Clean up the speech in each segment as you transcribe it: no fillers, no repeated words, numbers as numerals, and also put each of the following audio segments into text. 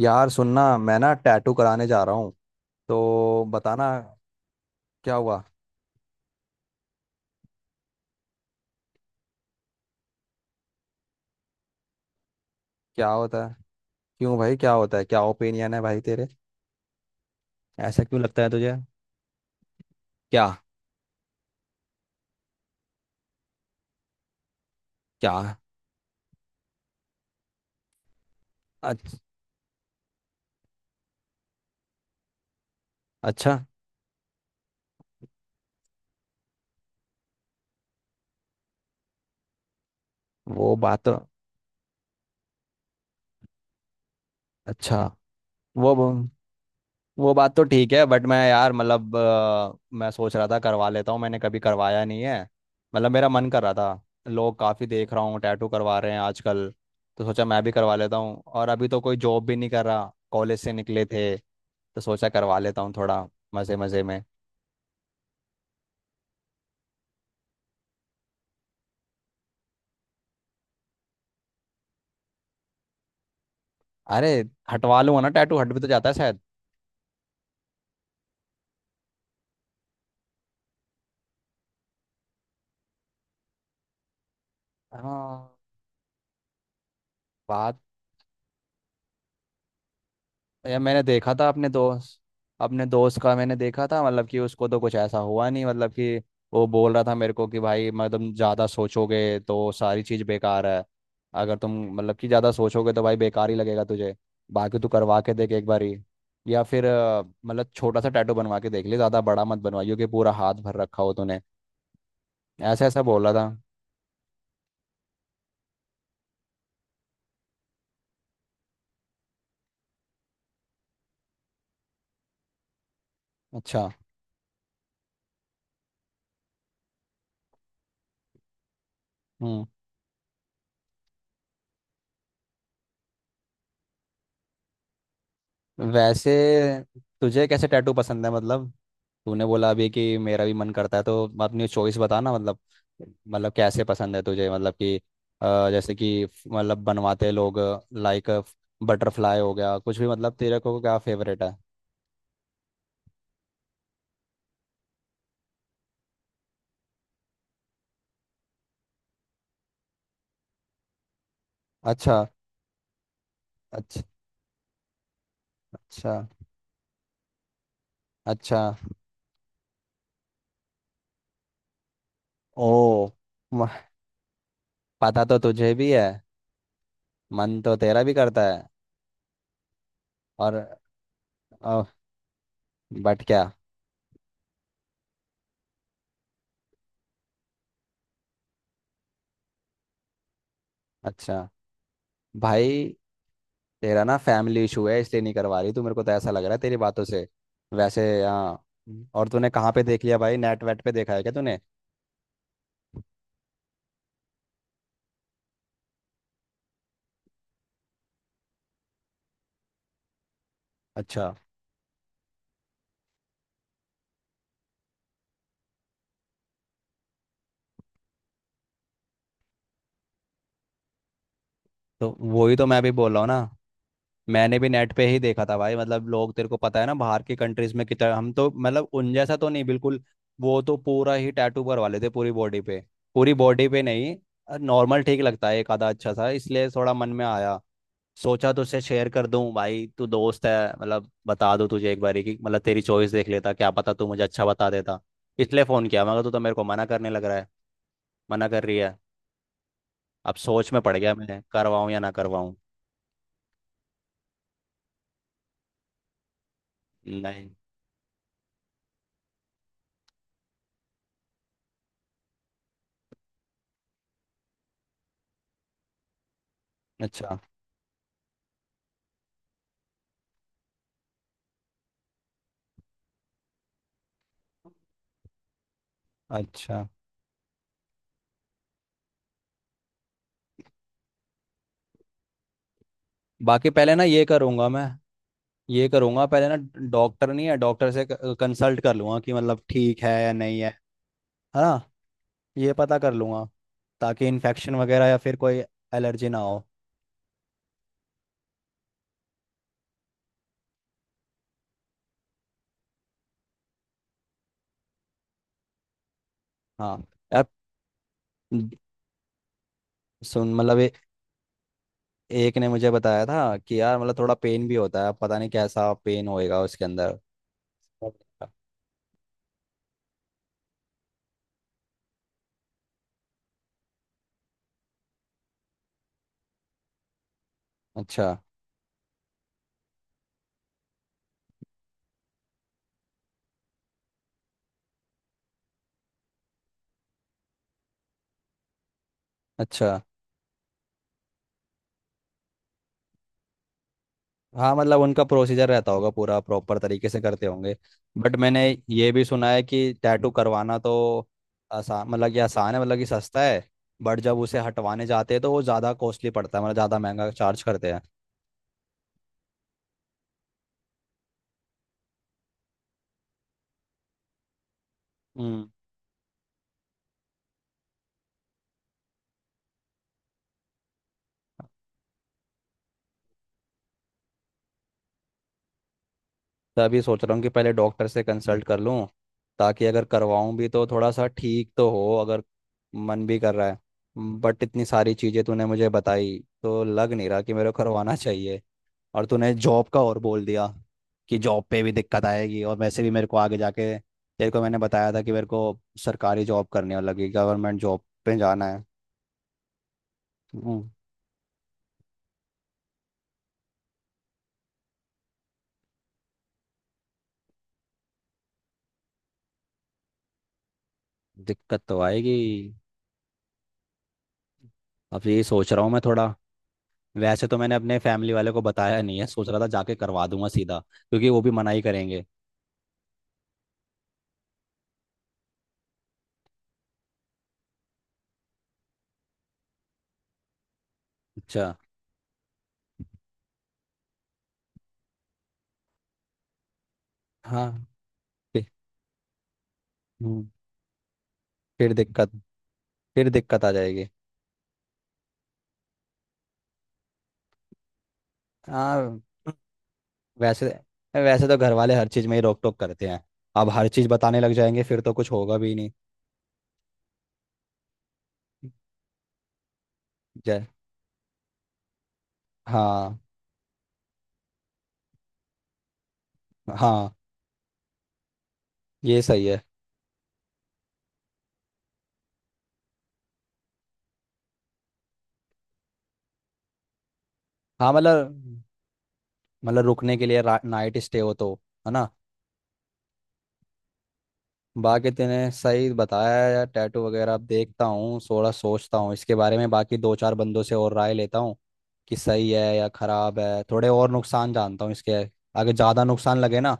यार सुनना, मैं ना टैटू कराने जा रहा हूँ, तो बताना। क्या हुआ। क्या होता है। क्यों भाई, क्या होता है? क्या ओपिनियन है भाई तेरे? ऐसा क्यों लगता है तुझे? क्या। क्या। अच- अच्छा। वो बात तो। अच्छा। वो वो बात तो ठीक है, बट मैं यार, मतलब मैं सोच रहा था करवा लेता हूँ, मैंने कभी करवाया नहीं है। मतलब मेरा मन कर रहा था। लोग काफ़ी देख रहा हूँ टैटू करवा रहे हैं आजकल। तो सोचा मैं भी करवा लेता हूँ, और अभी तो कोई जॉब भी नहीं कर रहा, कॉलेज से निकले थे तो सोचा करवा लेता हूँ थोड़ा, मज़े मज़े में। अरे, हटवा लूंगा ना, टैटू हट भी तो जाता है शायद। हाँ। बात। या मैंने देखा था अपने दोस्त का मैंने देखा था, मतलब कि उसको तो कुछ ऐसा हुआ नहीं, मतलब कि वो बोल रहा था मेरे को कि भाई, मतलब ज़्यादा सोचोगे तो सारी चीज़ बेकार है। अगर तुम मतलब कि ज़्यादा सोचोगे तो भाई बेकार ही लगेगा तुझे। बाकी तू करवा के देख एक बार ही। या फिर मतलब छोटा सा टैटू बनवा के देख ले, ज़्यादा बड़ा मत बनवाइयो कि पूरा हाथ भर रखा हो तूने। ऐसा ऐसा बोला था। अच्छा। हम्म। वैसे तुझे कैसे टैटू पसंद है मतलब? तूने बोला अभी कि मेरा भी मन करता है, तो अपनी चॉइस बता ना मतलब। मतलब कैसे पसंद है तुझे, मतलब कि। जैसे कि मतलब बनवाते लोग। लाइक बटरफ्लाई हो गया, कुछ भी, मतलब तेरे को क्या फेवरेट है? अच्छा। अच्छा। अच्छा। अच्छा। ओ। म- पता तो तुझे भी है। मन तो तेरा भी करता है। और बट क्या? अच्छा। भाई, तेरा ना फैमिली इशू है, इसलिए नहीं करवा रही तू, मेरे को तो ऐसा लग रहा है तेरी बातों से। वैसे हाँ। और तूने कहाँ पे देख लिया भाई, नेट वेट पे देखा है क्या तूने? अच्छा। तो वही तो मैं भी बोल रहा हूँ ना। मैंने भी नेट पे ही देखा था भाई, मतलब लोग, तेरे को पता है ना, बाहर की कंट्रीज में कितना, हम तो मतलब उन जैसा तो नहीं बिल्कुल। वो तो पूरा ही टैटू करवा लेते पूरी बॉडी पे। पूरी बॉडी पे नहीं। नॉर्मल ठीक लगता है एक आधा अच्छा सा, इसलिए थोड़ा मन में आया। सोचा तो उसे शेयर कर दूं, भाई तू दोस्त है। मतलब बता दूं तुझे एक बारी कि मतलब तेरी चॉइस देख लेता, क्या पता तू मुझे अच्छा बता देता। इसलिए फ़ोन किया, मगर तू तो मेरे को मना करने लग रहा है। मना कर रही है। अब सोच में पड़ गया मैं, करवाऊं या ना करवाऊं। नहीं। अच्छा। अच्छा। बाकी पहले ना ये करूंगा मैं। ये करूंगा पहले ना। डॉक्टर नहीं है, डॉक्टर से कंसल्ट कर लूंगा कि मतलब ठीक है या नहीं है। है ना। ये पता कर लूंगा, ताकि इन्फेक्शन वगैरह या फिर कोई एलर्जी ना हो। हाँ। यार, सुन मतलब, ये एक ने मुझे बताया था कि यार, मतलब थोड़ा पेन भी होता है, पता नहीं कैसा पेन होएगा उसके अंदर। अच्छा। अच्छा। हाँ मतलब उनका प्रोसीजर रहता होगा पूरा, प्रॉपर तरीके से करते होंगे। बट मैंने ये भी सुना है कि टैटू करवाना तो आसान, मतलब कि आसान है, मतलब कि सस्ता है। बट जब उसे हटवाने जाते हैं तो वो ज़्यादा कॉस्टली पड़ता है, मतलब ज़्यादा महंगा चार्ज करते हैं। तो अभी सोच रहा हूँ कि पहले डॉक्टर से कंसल्ट कर लूँ, ताकि अगर करवाऊँ भी तो थोड़ा सा ठीक तो हो, अगर मन भी कर रहा है। बट इतनी सारी चीज़ें तूने मुझे बताई, तो लग नहीं रहा कि मेरे को करवाना चाहिए। और तूने जॉब का और बोल दिया कि जॉब पे भी दिक्कत आएगी, और वैसे भी मेरे को आगे जाके, तेरे को मैंने बताया था कि मेरे को सरकारी जॉब करनी, और लगी गवर्नमेंट जॉब पे जाना है। हम्म। दिक्कत तो आएगी। अब यही सोच रहा हूँ मैं थोड़ा। वैसे तो मैंने अपने फैमिली वाले को बताया नहीं है, सोच रहा था जाके करवा दूंगा सीधा, क्योंकि वो भी मना ही करेंगे। अच्छा। हाँ। फि- हम्म। फिर दिक्कत फिर दिक्कत आ जाएगी। हाँ। वैसे वैसे तो घर वाले हर चीज़ में ही रोक टोक करते हैं। अब हर चीज़ बताने लग जाएंगे, फिर तो कुछ होगा भी नहीं। जय। हाँ। हाँ। ये सही है। हाँ मतलब, रुकने के लिए नाइट स्टे हो तो, है ना। बाकी तूने सही बताया है यार, टैटू वगैरह अब देखता हूँ, थोड़ा सोचता हूँ इसके बारे में, बाकी दो चार बंदों से और राय लेता हूँ कि सही है या खराब है, थोड़े और नुकसान जानता हूँ इसके। अगर ज़्यादा नुकसान लगे ना,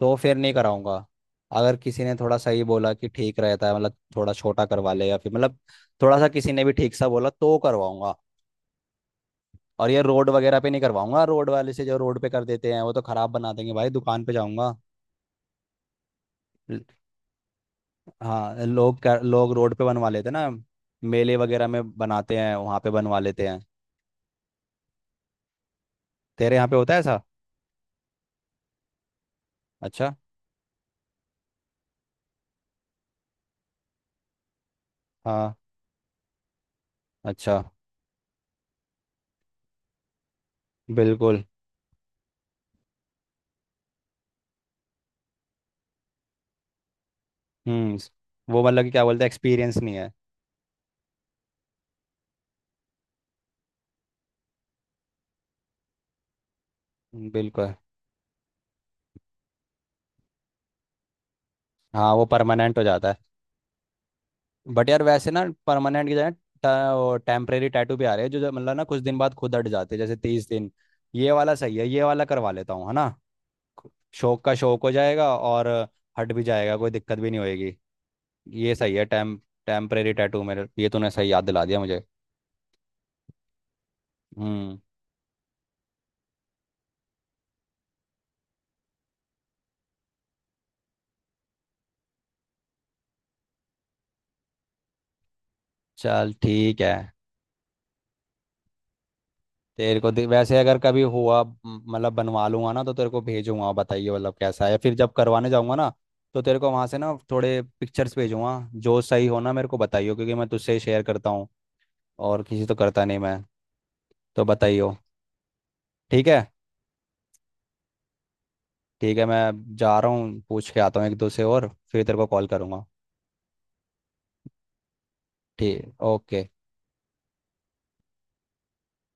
तो फिर नहीं कराऊंगा। अगर किसी ने थोड़ा सही बोला कि ठीक रहता है, मतलब थोड़ा छोटा करवा ले, या फिर मतलब थोड़ा सा किसी ने भी ठीक सा बोला तो करवाऊंगा। और ये रोड वगैरह पे नहीं करवाऊंगा, रोड वाले से, जो रोड पे कर देते हैं वो तो खराब बना देंगे भाई, दुकान पे जाऊंगा। हाँ, लोग रोड पे बनवा लेते हैं ना। मेले वगैरह में बनाते हैं, वहाँ पे बनवा लेते हैं। तेरे यहाँ पे होता है ऐसा? अच्छा। हाँ। अच्छा। बिल्कुल। हम्म। वो मतलब कि क्या बोलते हैं, एक्सपीरियंस नहीं है। बिल्कुल। हाँ वो परमानेंट हो जाता है। बट यार वैसे ना, परमानेंट की जगह टेम्परेरी टैटू भी आ रहे हैं, जो जो मतलब ना कुछ दिन बाद खुद हट जाते हैं, जैसे 30 दिन। ये वाला सही है, ये वाला करवा लेता हूँ, है ना। शौक का शौक हो जाएगा, और हट भी जाएगा, कोई दिक्कत भी नहीं होगी। ये सही है, टेम्परेरी टैटू, मेरे, ये तूने सही याद दिला दिया मुझे। हम्म। चल ठीक है। वैसे अगर कभी हुआ, मतलब बनवा लूंगा ना, तो तेरे को भेजूंगा, बताइए मतलब कैसा है, फिर जब करवाने जाऊंगा ना, तो तेरे को वहां से ना थोड़े पिक्चर्स भेजूंगा, जो सही हो ना मेरे को बताइयो, क्योंकि मैं तुझसे ही शेयर करता हूँ, और किसी से तो करता नहीं मैं। तो बताइयो। ठीक है। ठीक है, मैं जा रहा हूँ, पूछ के आता हूँ एक दो से, और फिर तेरे को कॉल करूंगा। ठीक, ओके।